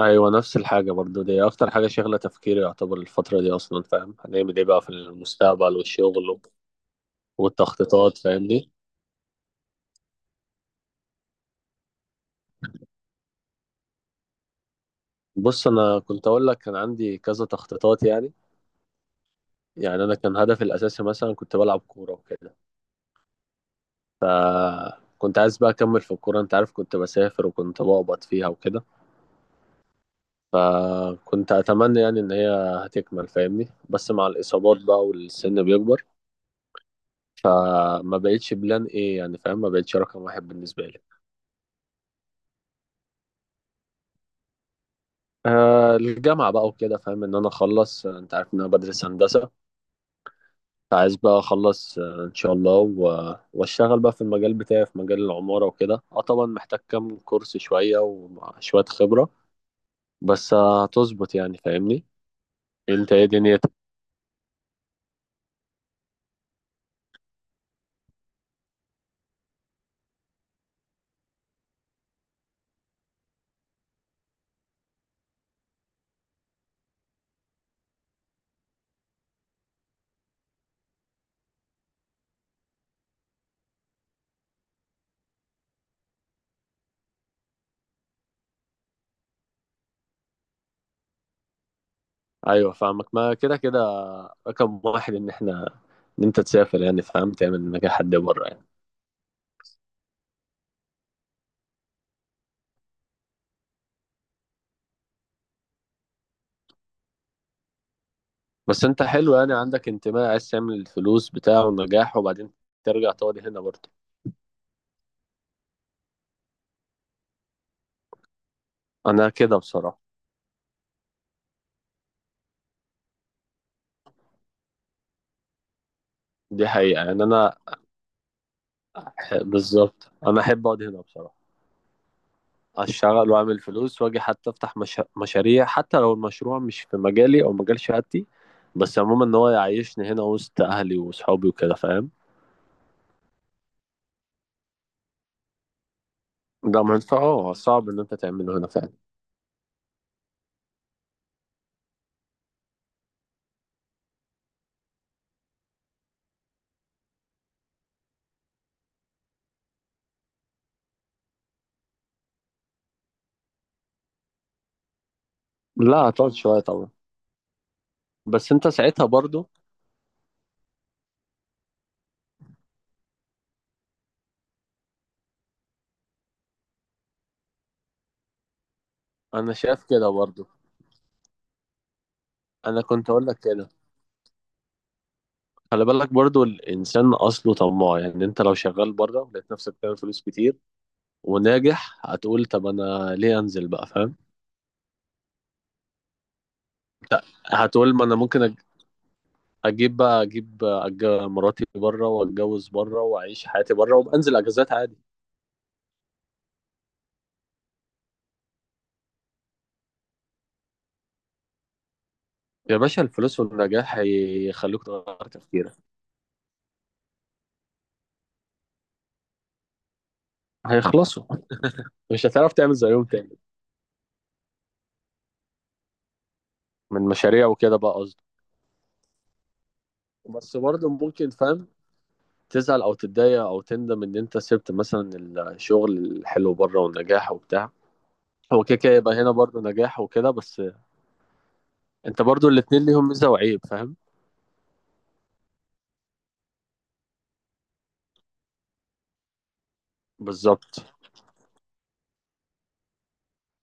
ايوه، نفس الحاجه برضو. دي اكتر حاجه شاغله تفكيري يعتبر الفتره دي، اصلا فاهم هنعمل ايه بقى في المستقبل والشغل والتخطيطات، فاهمني؟ بص، انا كنت اقول لك كان عندي كذا تخطيطات يعني انا كان هدفي الاساسي مثلا كنت بلعب كوره وكده. كنت عايز بقى اكمل في الكوره، انت عارف، كنت بسافر وكنت بقبض فيها وكده. فكنت اتمنى يعني ان هي هتكمل، فاهمني؟ بس مع الاصابات بقى والسن بيكبر، فما بقتش بلان ايه يعني، فاهم؟ ما بقتش رقم 1 بالنسبه لي. آه، الجامعة بقى وكده، فاهم إن أنا أخلص. آه، أنت عارف إن أنا بدرس هندسة. فعايز بقى أخلص آه إن شاء الله و... وأشتغل بقى في المجال بتاعي، في مجال العمارة وكده. أه، طبعا محتاج كام كورس شوية وشوية خبرة، بس آه، هتظبط يعني، فاهمني؟ أنت إيه دنيتك؟ أيوه فاهمك، ما كده كده رقم 1 إن إحنا إن أنت تسافر يعني، فاهم؟ تعمل نجاح حد بره يعني. بس أنت حلو يعني، عندك انتماء، عايز تعمل الفلوس بتاعه ونجاح، وبعدين ترجع تقعد هنا برضه. أنا كده بصراحة. دي حقيقة يعني أنا بالظبط أنا أحب أقعد هنا بصراحة. أشتغل وأعمل فلوس وأجي حتى أفتح مش... مشاريع، حتى لو المشروع مش في مجالي أو مجال شهادتي. بس عموما إن هو يعيشني هنا وسط أهلي وصحابي وكده، فاهم؟ ده منفعة. اه، صعب إن أنت تعمله هنا فعلا. لا هتقعد شوية طبعا. بس أنت ساعتها برضو أنا شايف كده برضو. أنا كنت أقول لك كده، خلي بالك برضو، الإنسان أصله طماع يعني. أنت لو شغال بره لقيت نفسك بتعمل فلوس كتير وناجح، هتقول طب أنا ليه أنزل بقى، فاهم؟ هتقول ما انا ممكن اجيب بقى مراتي بره واتجوز بره واعيش حياتي بره وبنزل اجازات عادي. يا باشا، الفلوس والنجاح هيخلوك تغير تفكيرك. هيخلصوا. مش هتعرف تعمل زيهم تاني، من مشاريع وكده بقى قصدي. بس برضه ممكن، فاهم، تزعل او تتضايق او تندم ان انت سبت مثلا الشغل الحلو بره والنجاح وبتاع. هو كده كده يبقى هنا برضه نجاح وكده، بس انت برضه الاتنين ليهم ميزة وعيب، فاهم؟ بالظبط.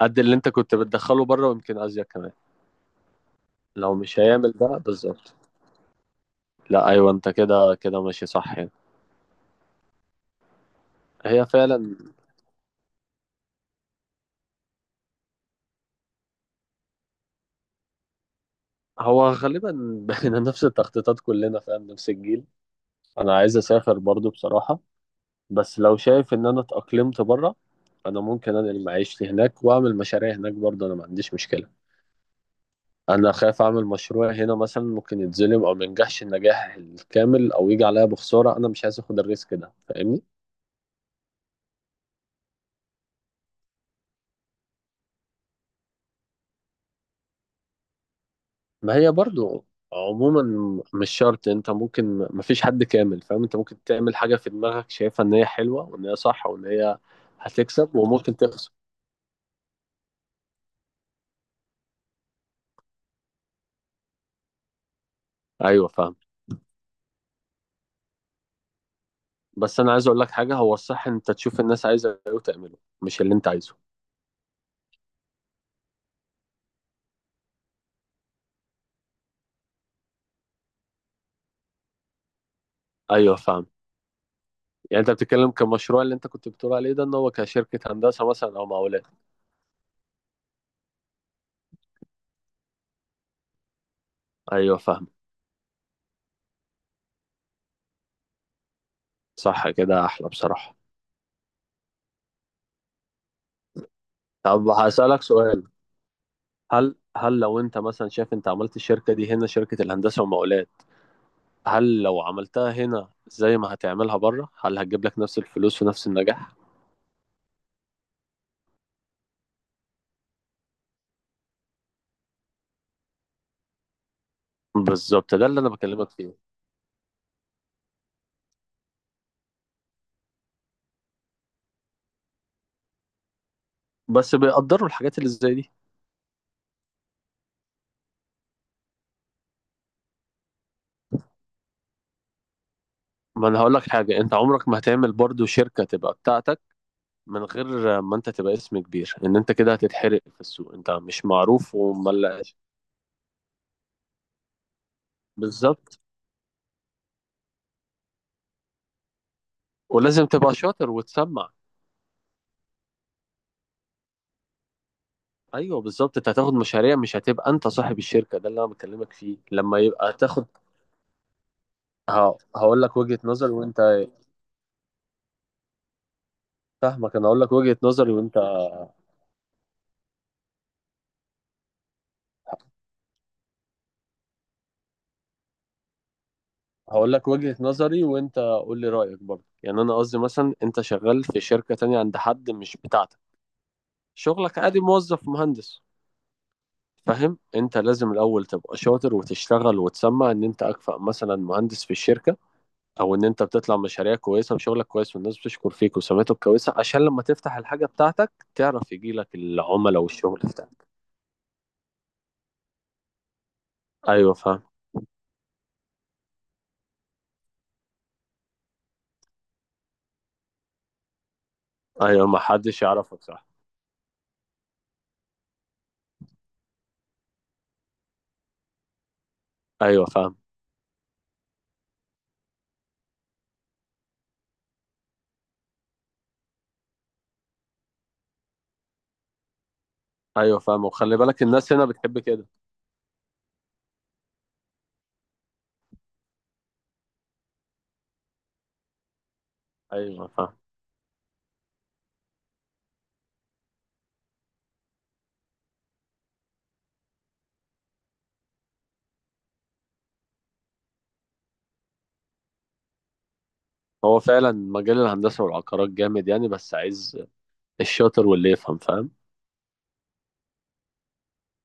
قد اللي انت كنت بتدخله بره ويمكن ازيد كمان. لو مش هيعمل ده بالظبط. لا ايوه، انت كده كده ماشي صح يعني. هي فعلا. هو غالبا بقينا نفس التخطيطات كلنا، فاهم؟ نفس الجيل. انا عايز اسافر برضو بصراحة. بس لو شايف ان انا اتأقلمت بره، انا ممكن انقل معيشتي هناك واعمل مشاريع هناك برضو، انا ما عنديش مشكلة. انا خايف اعمل مشروع هنا مثلا، ممكن يتظلم او ما ينجحش النجاح الكامل او يجي عليا بخسارة. انا مش عايز اخد الريسك ده، فاهمني؟ ما هي برضو عموما مش شرط. انت ممكن، ما فيش حد كامل، فاهم؟ انت ممكن تعمل حاجة في دماغك شايفها ان هي حلوة وان هي صح وان هي هتكسب، وممكن تخسر. ايوه فاهم. بس انا عايز اقول لك حاجة، هو الصح ان انت تشوف الناس عايزة ايه وتعمله، مش اللي انت عايزه. ايوه فاهم. يعني انت بتتكلم كمشروع اللي انت كنت بتقول عليه ده، ان هو كشركة هندسة مثلا او مقاولات. ايوه فاهم. صح كده احلى بصراحة. طب هسألك سؤال. هل لو انت مثلا شايف انت عملت الشركة دي هنا، شركة الهندسة والمقاولات، هل لو عملتها هنا زي ما هتعملها بره، هل هتجيب لك نفس الفلوس ونفس النجاح؟ بالظبط، ده اللي انا بكلمك فيه. بس بيقدروا الحاجات اللي زي دي؟ ما انا هقول لك حاجه، انت عمرك ما هتعمل برضو شركه تبقى بتاعتك من غير ما انت تبقى اسم كبير. ان انت كده هتتحرق في السوق، انت مش معروف وملاش. بالظبط. ولازم تبقى شاطر وتسمع. ايوه بالظبط، انت هتاخد مشاريع، مش هتبقى انت صاحب الشركه، ده اللي انا بكلمك فيه، لما يبقى تاخد. ه- هقول لك وجهه نظر وانت فاهمك انا هقول لك وجهه نظري وانت هقول لك وجهة نظري وانت قول لي رأيك برضه يعني. انا قصدي مثلا انت شغال في شركة تانية عند حد، مش بتاعتك. شغلك عادي، موظف مهندس، فاهم؟ انت لازم الاول تبقى شاطر وتشتغل وتسمع ان انت اكفأ مثلا مهندس في الشركة، او ان انت بتطلع مشاريع كويسة وشغلك كويس والناس بتشكر فيك وسمعتك كويسة، عشان لما تفتح الحاجة بتاعتك تعرف يجيلك العملاء والشغل بتاعك. ايوه فاهم. ايوه، ما حدش يعرفك صح. ايوه فاهم. ايوه فاهم، وخلي بالك الناس هنا بتحب كده. ايوه فاهم. هو فعلا مجال الهندسة والعقارات جامد يعني، بس عايز الشاطر واللي يفهم، فاهم؟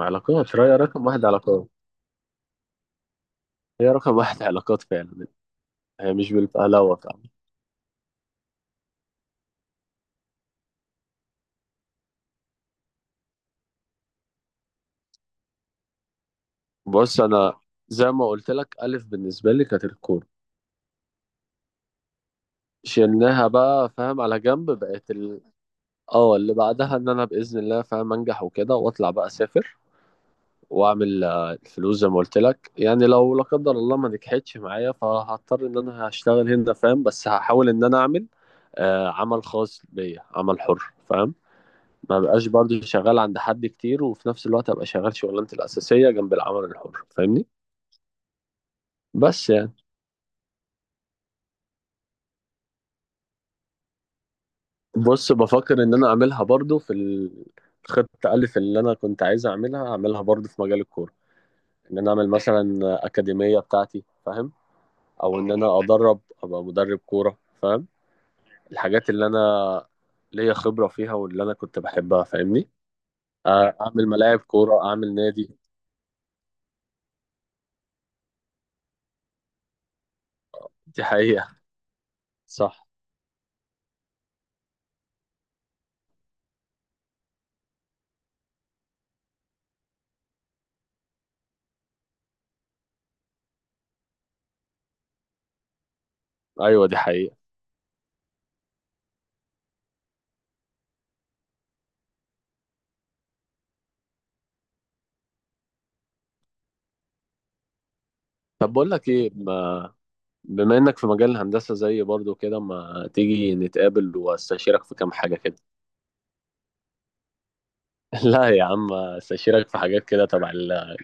علاقات. رأي رقم 1 علاقات. هي رقم 1 علاقات فعلا. هي مش بالفهلوة فعلا. بص أنا زي ما قلت لك، ألف بالنسبة لي كانت الكورة. شلناها بقى، فاهم، على جنب، بقت اه، اللي بعدها ان انا باذن الله، فاهم، انجح وكده واطلع بقى اسافر. واعمل آه، الفلوس زي ما قلت لك يعني. لو لا قدر الله ما نجحتش معايا، فهضطر ان انا هشتغل هنا، فاهم؟ بس هحاول ان انا اعمل آه، عمل خاص بيا، عمل حر، فاهم؟ ما بقاش برضه شغال عند حد كتير، وفي نفس الوقت ابقى شغال شغلانتي الاساسيه جنب العمل الحر، فاهمني؟ بس يعني. بص، بفكر ان انا اعملها برضه في الخطه الف. اللي انا كنت عايز اعملها اعملها برضه في مجال الكوره. ان انا اعمل مثلا اكاديميه بتاعتي، فاهم؟ او ان انا ادرب، ابقى مدرب كوره، فاهم؟ الحاجات اللي انا ليا خبرة فيها واللي انا كنت بحبها، فاهمني؟ آه، اعمل ملاعب كورة، اعمل نادي. دي حقيقة. صح. ايوه دي حقيقة. طب بقول لك ايه، ما بما انك في مجال الهندسة زيي برضو كده، ما تيجي نتقابل واستشيرك في كام حاجة كده؟ لا يا عم، استشيرك في حاجات كده تبع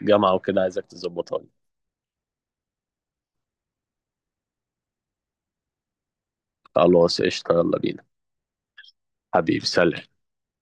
الجامعة وكده، عايزك تظبطها لي. خلاص قشطة، يلا بينا. حبيبي سلام.